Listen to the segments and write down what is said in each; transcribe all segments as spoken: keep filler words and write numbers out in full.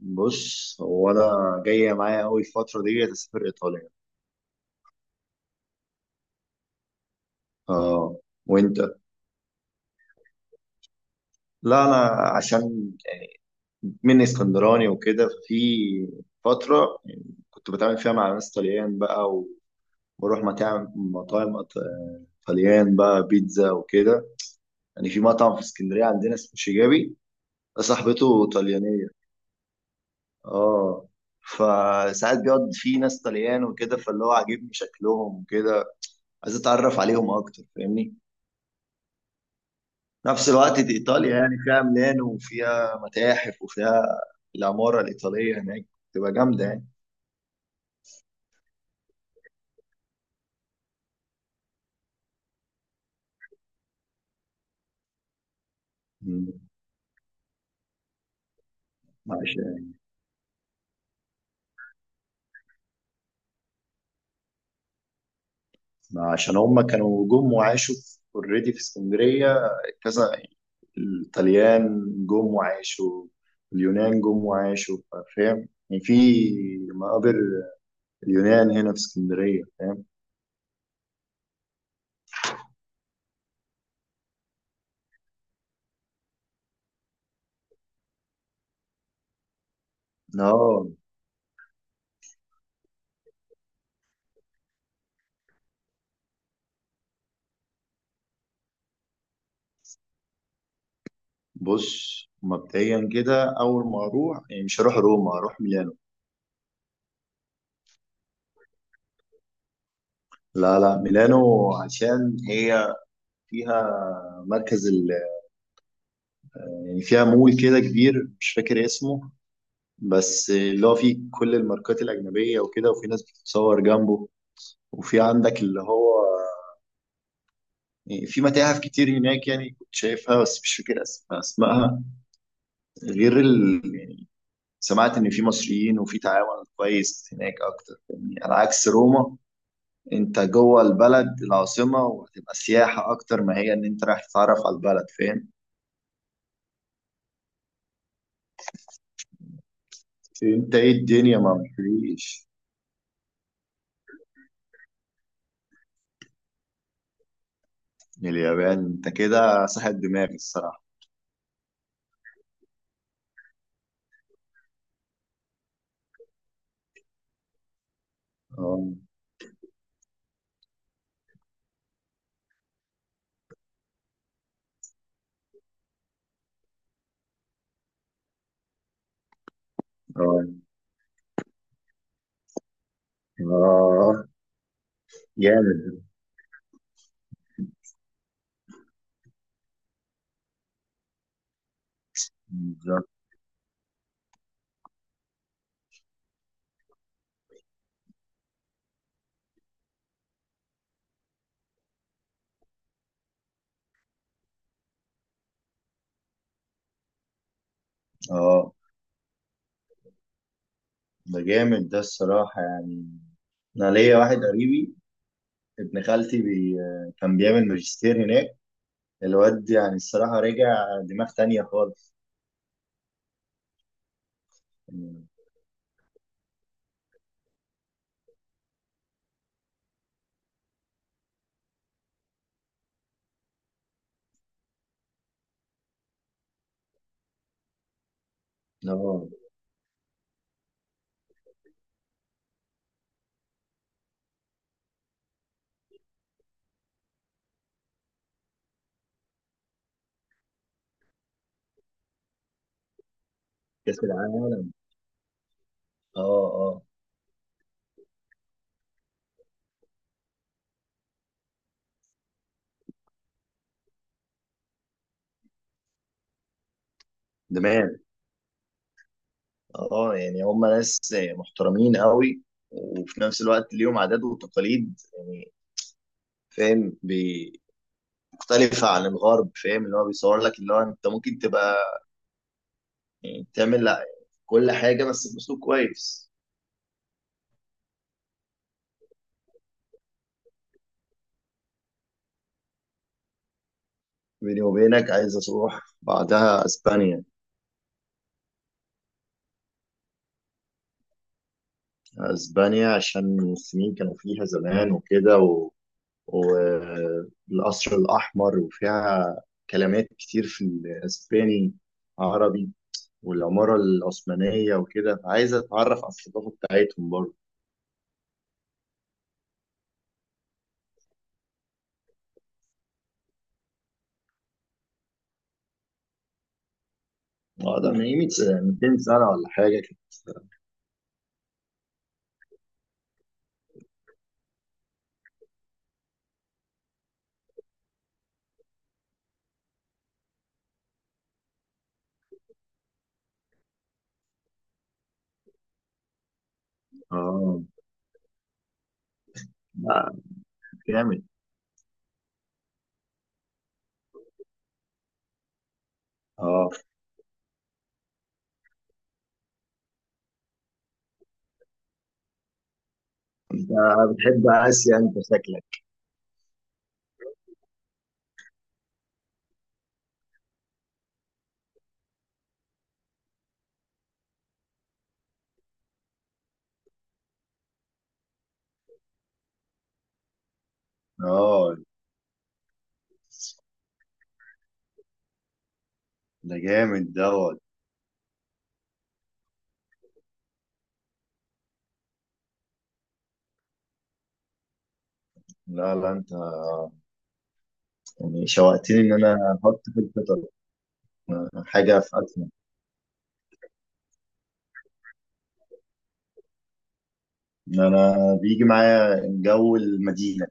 بص، هو انا جايه معايا قوي الفتره دي اسافر ايطاليا. اه. وانت؟ لا، انا عشان يعني من اسكندراني وكده ففي فتره يعني كنت بتعامل فيها مع ناس طليان بقى و- واروح مطاعم مطاعم أط- طليان بقى، بيتزا وكده. يعني في مطعم في اسكندريه عندنا اسمه شيجابي، ده صاحبته طليانيه. اه، فساعات بيقعد فيه ناس طليان وكده، فاللي هو عاجبني شكلهم وكده، عايز اتعرف عليهم اكتر. فاهمني؟ نفس الوقت دي إيطاليا يعني فيها ميلانو وفيها متاحف وفيها العمارة الإيطالية هناك تبقى جامدة يعني. مم. عشان عشان هم كانوا جم وعاشوا اوريدي، في already في اسكندرية، كذا. الطليان جم وعاشوا، اليونان جم وعاشوا. فاهم؟ يعني في مقابر اليونان هنا في اسكندرية. فاهم؟ اه. بص، مبدئيا كده أول ما أروح يعني مش هروح روما، هروح ميلانو. لا، لا، ميلانو عشان هي فيها مركز ال... يعني فيها مول كده كبير، مش فاكر اسمه، بس اللي هو فيه كل الماركات الأجنبية وكده، وفي ناس بتتصور جنبه. وفي عندك اللي هو يعني في متاحف كتير هناك يعني كنت شايفها بس مش فاكر أسم- أسمائها. غير ال... يعني سمعت إن في مصريين وفي تعاون كويس هناك أكتر يعني، على عكس روما. أنت جوه البلد العاصمة وهتبقى سياحة أكتر ما هي إن أنت رايح تتعرف على البلد. فاهم؟ أنت إيه الدنيا ما مفيش. اليابان انت كده صاحب دماغ الصراحة. اه. اه. اه، جامد. بالظبط. اه. ده جامد ده الصراحة يعني. انا ليا واحد قريبي، ابن خالتي بي... كان بيعمل ماجستير هناك. الواد يعني الصراحة رجع دماغ تانية خالص. يعني. اه. كأس العالم. اه. اه. دماغ. اه يعني هم ناس محترمين قوي، وفي نفس الوقت ليهم عادات وتقاليد يعني. فاهم؟ مختلفة عن الغرب. فاهم؟ اللي هو بيصور لك اللي هو انت ممكن تبقى بتعمل كل حاجة بس بأسلوب كويس. بيني وبينك عايز أروح بعدها أسبانيا. أسبانيا عشان المسلمين كانوا فيها زمان وكده و... والقصر الأحمر وفيها كلمات كتير في الأسباني عربي، والعمارة العثمانية وكده، فعايز أتعرف على الثقافة بتاعتهم برضه. آه، ده من مية سنة- مئتين سنة ولا حاجة كده. آه. لا. جامد. اه. بتحب آسيا أنت شكلك؟ اه. ده جامد دوت. لا، لا، انت يعني شوقتني ان انا احط في الخطط. حاجه في اسيا، ان انا بيجي معايا جو المدينه.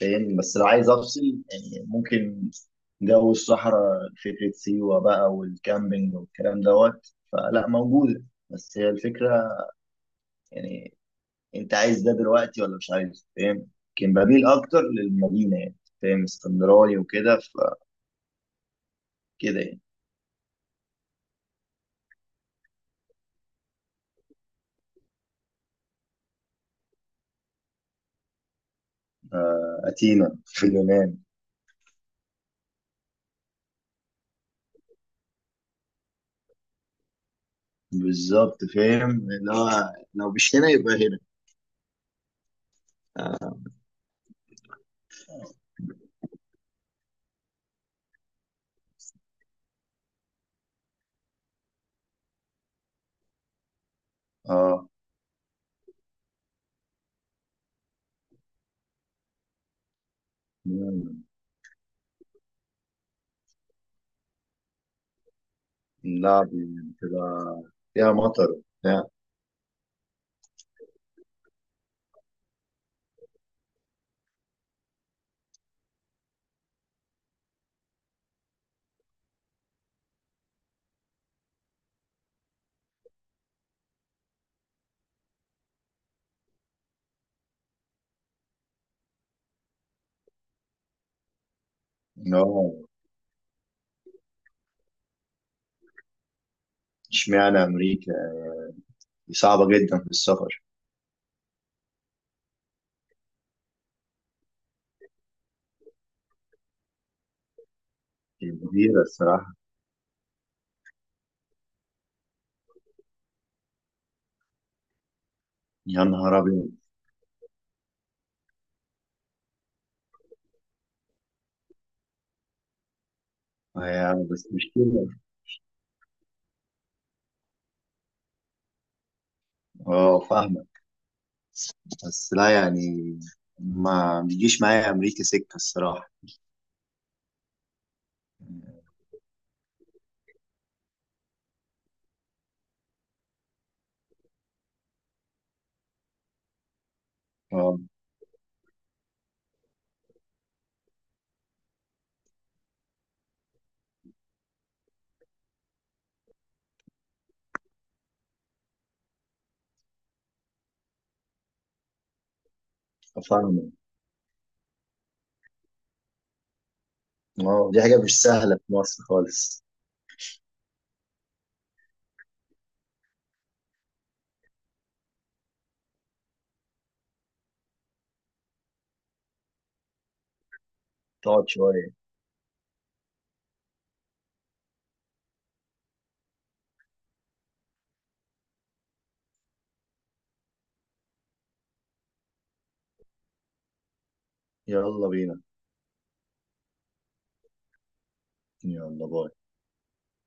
فاهم؟ بس لو عايز افصل يعني ممكن جو الصحراء، فكره سيوه بقى والكامبينج والكلام دوت فلا موجوده. بس هي الفكره يعني. انت عايز ده دلوقتي ولا مش عايز؟ فاهم؟ لكن بميل اكتر للمدينه يعني. فاهم؟ اسكندراني وكده، فكده يعني. آه، أثينا في اليونان. بالظبط. فاهم؟ اللي هو لو مش هنا يبقى هنا. اه. مم. اللعب بتبقى فيها مطر بتاع. إن هو اشمعنى أمريكا؟ دي صعبة جدا في السفر. كبيرة الصراحة. يا نهار أبيض. هي بس مشكلة. اه. فاهمة. بس لا يعني ما بيجيش معايا أمريكا سكة الصراحة. اه. فاهمة. اه، دي حاجة مش سهلة في مصر خالص. تقعد شوية. يلا بينا. يلا باي.